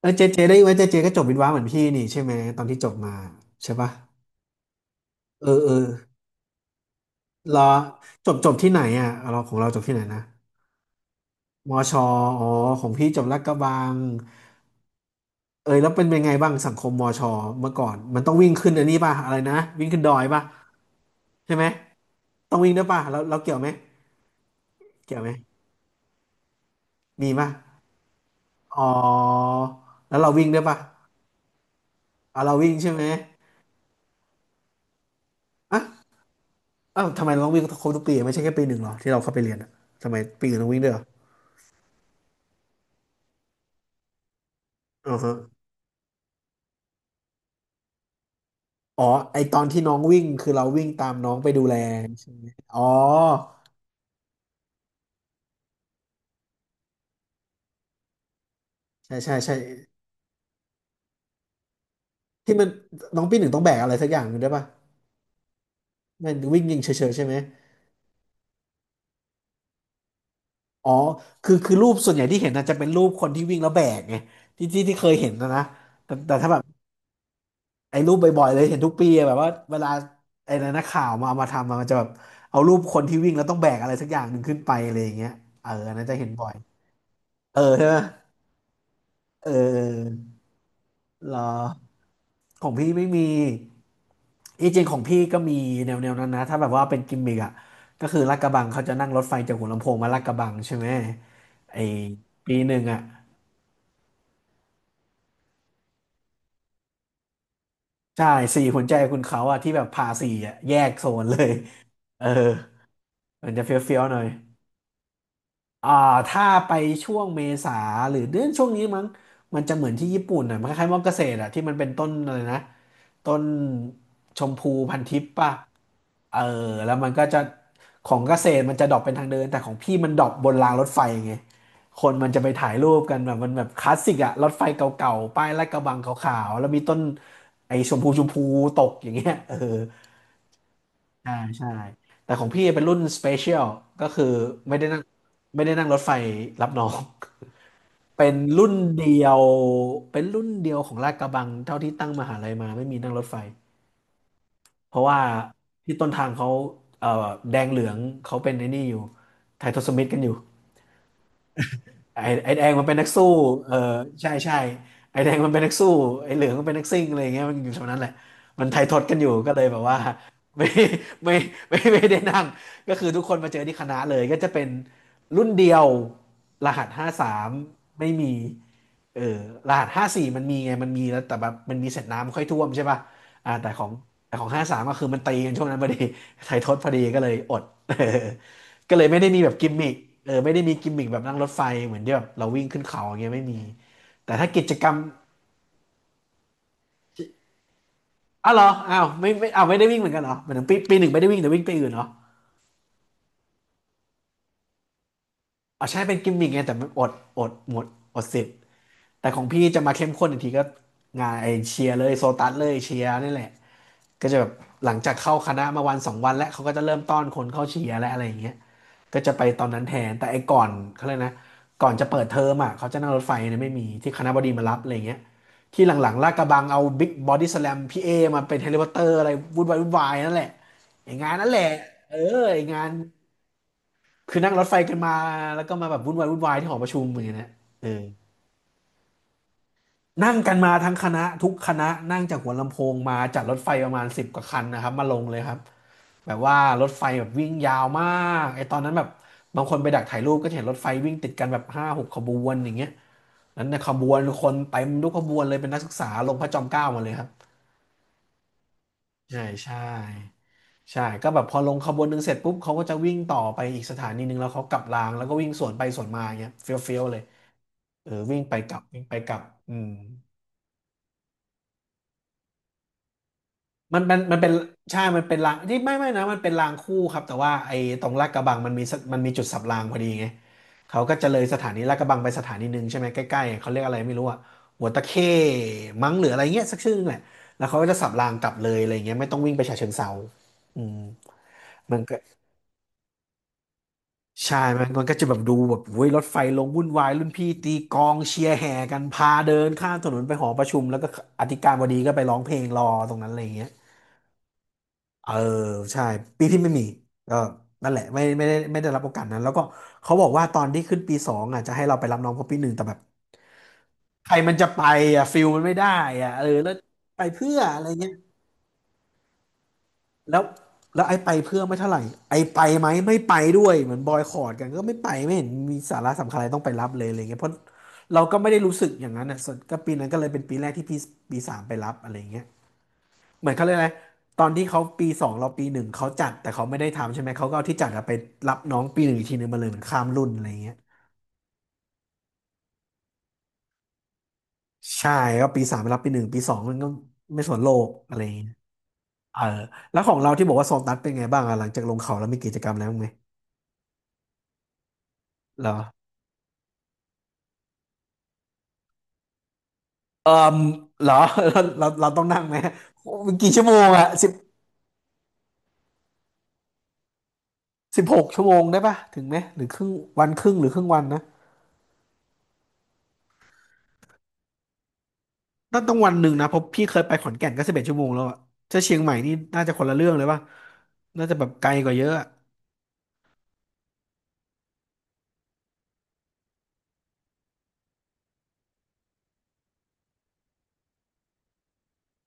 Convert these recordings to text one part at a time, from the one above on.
เออเจเจได้ยินไหมเจเจก็จบวิศวะเหมือนพี่นี่ใช่ไหมตอนที่จบมาใช่ปะเออเออรอจบที่ไหนอ่ะเราของเราจบที่ไหนนะมอชออ๋อของพี่จบลาดกระบังเออแล้วเป็นไงบ้างสังคมมอชอเมื่อก่อนมันต้องวิ่งขึ้นอันนี้ป่ะอะไรนะวิ่งขึ้นดอยป่ะใช่ไหมต้องวิ่งด้วยป่ะแล้วเราเกี่ยวไหมเกี่ยวไหมมีป่ะอ๋อแล้วเราวิ่งด้วยป่ะอ่ะเราวิ่งใช่ไหมอ่ะอ้าวทำไมเราต้องวิ่งครบทุกปีอะไม่ใช่แค่ปีหนึ่งเหรอที่เราเข้าไปเรียนอ่ะทำไมปีอื่นต้องวิ่งด้วยเหรออือฮะ อ๋อไอตอนที่น้องวิ่งคือเราวิ่งตามน้องไปดูแลใช่ไหมอ๋อใช่ใช่ใช่ที่มันน้องปีหนึ่งต้องแบกอะไรสักอย่างหนึ่งด้วยป่ะมันวิ่งยิงเฉยๆใช่ไหมอ๋อคือรูปส่วนใหญ่ที่เห็นจจะเป็นรูปคนที่วิ่งแล้วแบกไงที่เคยเห็นนะแต่ถ้าแบบไอ้รูปบ่อยๆเลยเห็นทุกปีอะแบบว่าเวลาไอ้นักข่าวมาเอามาทำอะมันจะแบบเอารูปคนที่วิ่งแล้วต้องแบกอะไรสักอย่างหนึ่งขึ้นไปอะไรอย่างเงี้ยเอออันนั้นจะเห็นบ่อยเออใช่ไหมเออ เหรอของพี่ไม่มีอีจริงของพี่ก็มีแนวๆนนั้นนะถ้าแบบว่าเป็นกิมมิกอ่ะก็คือลาดกระบังเขาจะนั่งรถไฟจากหัวลำโพงมาลาดกระบังใช่ไหมไอปีหนึ่งอ่ะใช่สี่หัวใจคุณเขาอ่ะที่แบบพาสี่อ่ะแยกโซนเลยเออมันจะเฟี้ยวๆหน่อย อ่าถ้าไปช่วงเมษาหรือเดือนช่วงนี้มั้งมันจะเหมือนที่ญี่ปุ่นอ่ะมันคล้ายๆมอเกษตรอ่ะที่มันเป็นต้นอะไรนะต้นชมพูพันทิพย์ป่ะเออแล้วมันก็จะของเกษตรมันจะดรอปเป็นทางเดินแต่ของพี่มันดรอปบนรางรถไฟไงคนมันจะไปถ่ายรูปกันแบบมันแบบคลาสสิกอ่ะรถไฟเก่าๆป้ายลาดกระบังขาวๆแล้วมีต้นไอ้ชมพูชมพูตกอย่างเงี้ยเออ ใช่ใช่แต่ของพี่เป็นรุ่นสเปเชียลก็คือไม่ได้นั่งไม่ได้นั่งรถไฟรับน้อง เป็นรุ่นเดียวเป็นรุ่นเดียวของลาดกระบังเท่าที่ตั้งมหาลัยมาไม่มีนั่งรถไฟเพราะว่าที่ต้นทางเขาเอ่อแดงเหลืองเขาเป็นไอ้นี่อยู่ไทยทศมิตรกันอยู่ ไอ้แดงมันเป็นนักสู้เออใช่ใช่ไอ้แดงมันเป็นนักสู้ไอ้เหลืองมันเป็นนักซิ่งอะไรอย่างเงี้ยมันอยู่แถวนั้นแหละมันไทยทดกันอยู่ก็เลยแบบว่า ไม่ไม่ไม่ได้นั่ง ก็คือทุกคนมาเจอที่คณะเลยก็จะเป็นรุ่นเดียวรหัส 53ไม่มีเออรหัส 54มันมีไงมันมีแล้วแต่แบบมันมีเสร็จน้ำค่อยท่วมใช่ป่ะอ่าแต่ของห้าสามก็คือมันตีกันช่วงนั้นพอดี ไทยทดพอดีก็เลยอด ก็เลยไม่ได้มีแบบกิมมิคเออไม่ได้มีกิมมิคแบบนั่งรถไฟเหมือนที่แบบเราวิ่งขึ้นเขาอย่างเงี้ยไม่มีแต่ถ้ากิจกรรมอ้าวเหรออ้าวไม่ไม่อ้าวไม่ได้วิ่งเหมือนกันเหรอเหมือนปีหนึ่งไม่ได้วิ่งแต่วิ่งไปอื่นเหรออ๋อใช่เป็นกิมมิคไงแต่มันอดอดหมดอดสิทธิ์แต่ของพี่จะมาเข้มข้นอีกทีก็งานไอเชียร์เลยโซตัสเลยเชียร์นี่แหละ ก็จะแบบหลังจากเข้าคณะมาวันสองวันแล้วเขาก็จะเริ่มต้อนคนเข้าเชียร์และอะไรอย่างเงี้ยก็จะไปตอนนั้นแทนแต่ไอ้ก่อนเขาเลยกนะก่อนจะเปิดเทอมอ่ะเขาจะนั่งรถไฟเนี่ยไม่มีที่คณะบดีมารับอะไรอย่างเงี้ยที่หลังๆลาดกระบังเอาบิ๊กบอดี้สแลมพี่เอมาเป็นเฮลิคอปเตอร์อะไรวุ่นวายวุ่นวายนั่นแหละไอ้งานนั่นแหละเออไอ้งานคือนั่งรถไฟกันมาแล้วก็มาแบบวุ่นวายวุ่นวายที่หอประชุมอย่างเงี้ยนะเออ นั่งกันมาทั้งคณะทุกคณะนั่งจากหัวลำโพงมาจากรถไฟประมาณ10 กว่าคันนะครับมาลงเลยครับแบบว่ารถไฟแบบวิ่งยาวมากไอ้ตอนนั้นแบบบางคนไปดักถ่ายรูปก็จะเห็นรถไฟวิ่งติดกันแบบห้าหกขบวนอย่างเงี้ยนั้นในขบวนคนเต็มทุกขบวนเลยเป็นนักศึกษาลงพระจอมเกล้ามาเลยครับใช่ใช่ใช่ก็แบบพอลงขบวนหนึ่งเสร็จปุ๊บเขาก็จะวิ่งต่อไปอีกสถานีหนึ่งแล้วเขากลับรางแล้วก็วิ่งสวนไปสวนมาอย่างเงี้ยเฟี้ยวๆเลยเออวิ่งไปกลับวิ่งไปกลับอืม มันเป็นใช่มันเป็นรางที่ไม่นะมันเป็นรางคู่ครับแต่ว่าไอ้ตรงลาดกระบังมันมีจุดสับรางพอดีไงเขาก็จะเลยสถานีลาดกระบังไปสถานีหนึ่งใช่ไหมใกล้ๆเขาเรียกอะไรไม่รู้อะหัวตะเข้มั้งหรืออะไรเงี้ยสักชื่อนึงแหละแล้วเขาก็จะสับรางกลับเลยอะไรเงี้ยไม่ต้องวิ่งไปฉะเชิงเทราอืมมันก็ใช่มันก็จะแบบดูแบบเว้ยรถไฟลงวุ่นวายรุ่นพี่ตีกลองเชียร์แห่กันพาเดินข้ามถนนไปหอประชุมแล้วก็อธิการบดีก็ไปร้องเพลงรอตรงนั้นอะไรเงี้ย เออใช่ปีที่ไม่มีก็นั่นแหละไม่ได้รับโอกาสนั้นแล้วก็เขาบอกว่าตอนที่ขึ้นปีสองอ่ะจะให้เราไปรับน้องเขาปีหนึ่งแต่แบบใครมันจะไปอ่ะฟิลมันไม่ได้อ่ะเออแล้วไปเพื่ออะไรเงี้ยแล้วแล้วไอ้ไปเพื่อไม่เท่าไหร่ไอ้ไปไหมไม่ไปด้วยเหมือนบอยคอตกันก็ไม่ไปไม่เห็นมีสาระสำคัญอะไรต้องไปรับเลยอะไรเงี้ยเพราะเราก็ไม่ได้รู้สึกอย่างนั้นอ่ะส่วนก็ปีนั้นก็เลยเป็นปีแรกที่ปีสามไปรับอะไรเงี้ย เหมือนเขาเรียกอะไรตอนที่เขาปีสองเราปีหนึ่งเขาจัดแต่เขาไม่ได้ทำใช่ไหมเขาก็เอาที่จัดอะไปรับน้องปีหนึ่งอีกทีหนึ่งมาเลยเหมือนข้ามรุ่นอะไรเงี้ยใช่ก็ปีสามไปรับปีหนึ่งปีสองมันก็ไม่สนโลกอะไรอย่างเงี้ยเออแล้วของเราที่บอกว่าโซตัสเป็นไงบ้างอะหลังจากลงเขาแล้วมีกิจกรรมแล้วไหมเหรอเออเหรอ เราต้องนั่งไหมโอ้นกี่ชั่วโมงอะสิบหกชั่วโมงได้ปะถึงไหมหรือครึ่งวันครึ่งหรือครึ่งวันนะ ต้องวันหนึ่งนะเพราะพี่เคยไปขอนแก่นก็สิบเอ็ดชั่วโมงแล้วอะถ้าเชียงใหม่นี่น่าจะคนละเรื่องเลยป่ะน่าจะแบบไกลกว่าเยอะอะ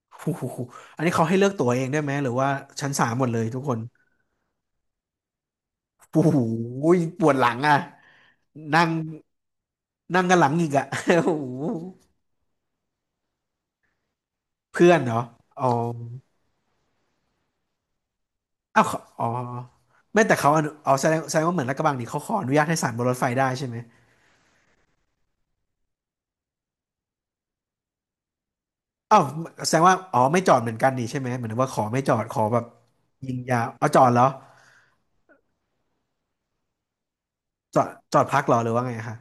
โอ้โหอันนี้เขาให้เลือกตั๋วเองได้ไหมหรือว่าชั้นสามหมดเลยทุกคนโอ้โหปวดหลังอ่ะนั่งนั่งกันหลังอีกอ่ะ โอ้โหเพื่อนเหรออ๋ออ้าวเขาอ๋อไม่แต่เขาอนุอ๋อแสดงว่าเหมือนลาดกระบังนี่เขาขออนุญาตให้สานบนรถไฟได้ใช่ไหมอ้าวแสดงว่าอ๋อไม่จอดเหมือนกันนี่ใช่ไหมเหมือนว่าขอไม่จอดขอแบบยิงยาวเอาจอดเหรอ จอดจอดพักเหรอหรือว่าไงคะ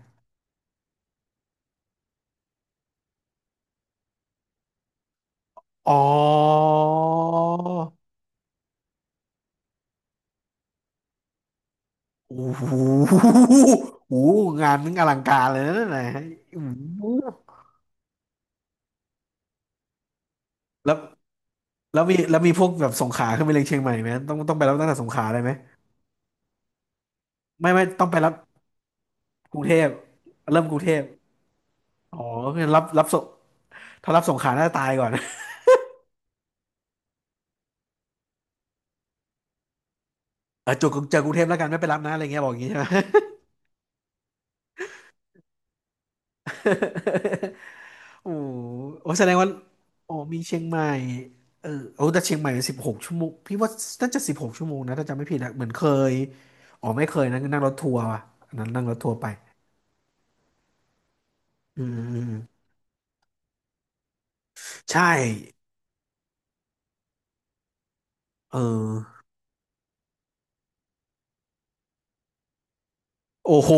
อ๋อโอ้โหโอ้โหงานนึงอลังการเลยนะไหนะโอ้โหแล้วแล้วมีแล้วมีพวกแบบสงขลาขึ้นไปเรียงเชียงใหม่ไหมต้องต้องไปรับตั้งแต่สงขลาได้ไหมไม่ไม่ต้องไปรับกรุงเทพเริ่มกรุงเทพอ๋อคือรับส่งถ้ารับสงขลาน่าจะตายก่อนเออจุกเจอกรุงเทพแล้วกันไม่ไปรับนะอะไรเงี้ยบอกอย่างงี้ใช่ไหม โอ้โอ้แสดงว่าโอ้มีเชียงใหม่เออโอ้แต่เชียงใหม่สิบหกชั่วโมงพี่ว่าน่าจะสิบหกชั่วโมงนะถ้าจำไม่ผิดนะเหมือนเคยอ๋อไม่เคยนะนั่งรถทัวร์ว่ะอันนั้นนั่งรถทัวร์ไปอืมอืมใช่เออโอ้โห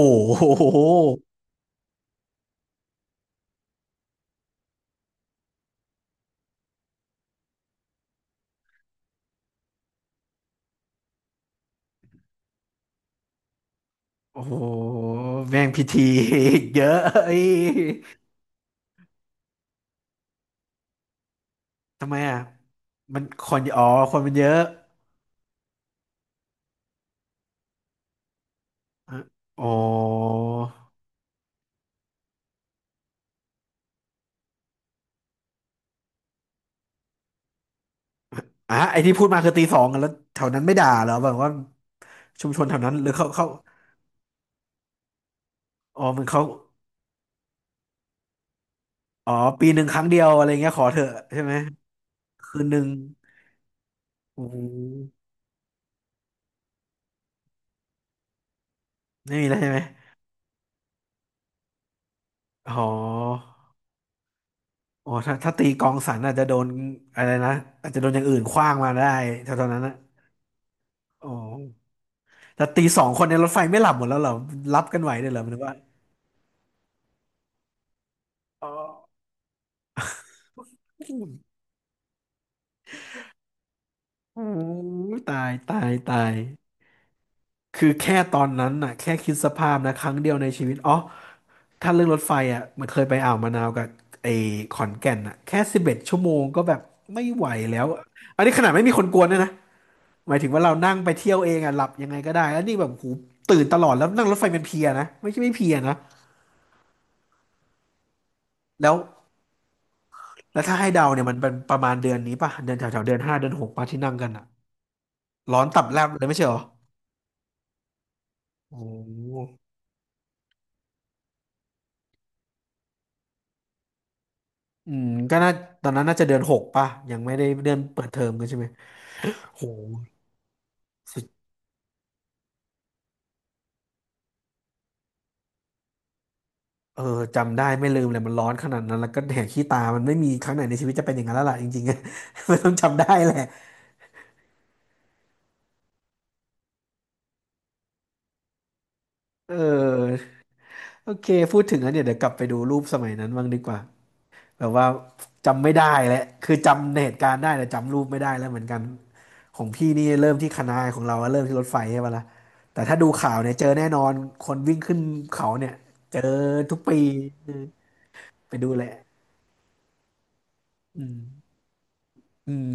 โอ้โหแม่งพิธี เยอะเอ้ยทำไมอ่ะมันคนอ๋อคนมันเยอะอะอ๋อ อ่ะไอที่พูดมาคือตีสองกันแล้วแถวนั้นไม่ด่าเหรอแบบว่าชุมชนแถวนั้นหรือเขาเขาอ๋อมันเขาอ๋อปีหนึ่งครั้งเดียวอะไรเงี้ยขอเถอะใช่ไหมคืนหนึ่งโอ้โหไม่มีแล้วใช่ไหมอ๋ออ๋อถ้าตีกองสันอาจจะโดนอะไรนะอาจจะโดนอย่างอื่นขว้างมาได้แถวๆนั้นนะอ๋อแต่ตีสองคนในรถไฟไม่หลับหมดแล้วเหรอรับกันไหวเลยเหรอมันว่าอ๋อโอ้โหตายตายตาย คือแค่ตอนนั้นน่ะแค่คิดสภาพนะครั้งเดียวในชีวิตอ๋อถ้าเรื่องรถไฟอ่ะมันเคยไปอ่าวมะนาวกับไอ้ขอนแก่นอ่ะแค่สิบเอ็ดชั่วโมงก็แบบไม่ไหวแล้วอันนี้ขนาดไม่มีคนกวนด้วยนะหมายถึงว่าเรานั่งไปเที่ยวเองอ่ะหลับยังไงก็ได้แล้วนี่แบบหูตื่นตลอดแล้วนั่งรถไฟเป็นเพลียนะไม่ใช่ไม่เพลียนะแล้วแล้วถ้าให้เดาเนี่ยมันเป็นประมาณเดือนนี้ป่ะเดือนแถวแถวเดือนห้าเดือนหกป่ะที่นั่งกันอ่ะร้อนตับแลบเลยไม่ใช่เหรอโอ้โหอืมก็น่าตอนนั้นน่าจะเดือนหกป่ะยังไม่ได้เดือนเปิดเทอมกันใช่ไหม โหสุดเออจำได้ไม่ลืมเลยมันร้อนขนาดนั้นแล้วก็แหกขี้ตามันไม่มีครั้งไหนในชีวิตจะเป็นอย่างนั้นแล้วล่ะจริงๆอะ มันต้องจำได้แหละเออโอเคพูดถึงแล้วเนี่ยเดี๋ยวกลับไปดูรูปสมัยนั้นบ้างดีกว่าแบบว่าจำไม่ได้แหละคือจำเหตุการณ์ได้แต่จำรูปไม่ได้แล้วเหมือนกันของพี่นี่เริ่มที่คณะนาของเราเริ่มที่รถไฟใช่ปะล่ะแต่ถ้าดูข่าวเนี่ยเจอแน่นอนคนวิ่งขึ้นเขาเนี่ยเจอทุกปีเออไปดูแหละอืมอืม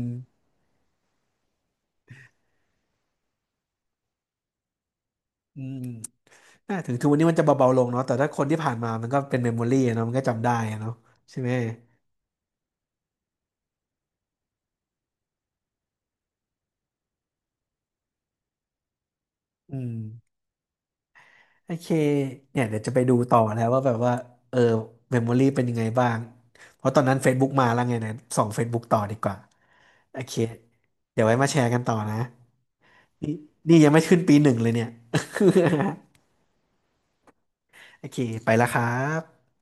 อืม อ่าถึงทุกวันนี้มันจะเบาๆลงเนาะแต่ถ้าคนที่ผ่านมามันก็เป็นเมมโมรี่เนาะมันก็จำได้อะเนาะใช่ไหม อืมโอเคเนี่ยเดี๋ยวจะไปดูต่อแล้วว่าแบบว่าเออเมมโมรี่เป็นยังไงบ้างเพราะตอนนั้น Facebook มาแล้วไงนะส่อง Facebook ต่อดีกว่าโอเคเดี๋ยวไว้มาแชร์กันต่อนะนี่นี่ยังไม่ขึ้นปีหนึ่งเลยเนี่ย โอเคไปละครับ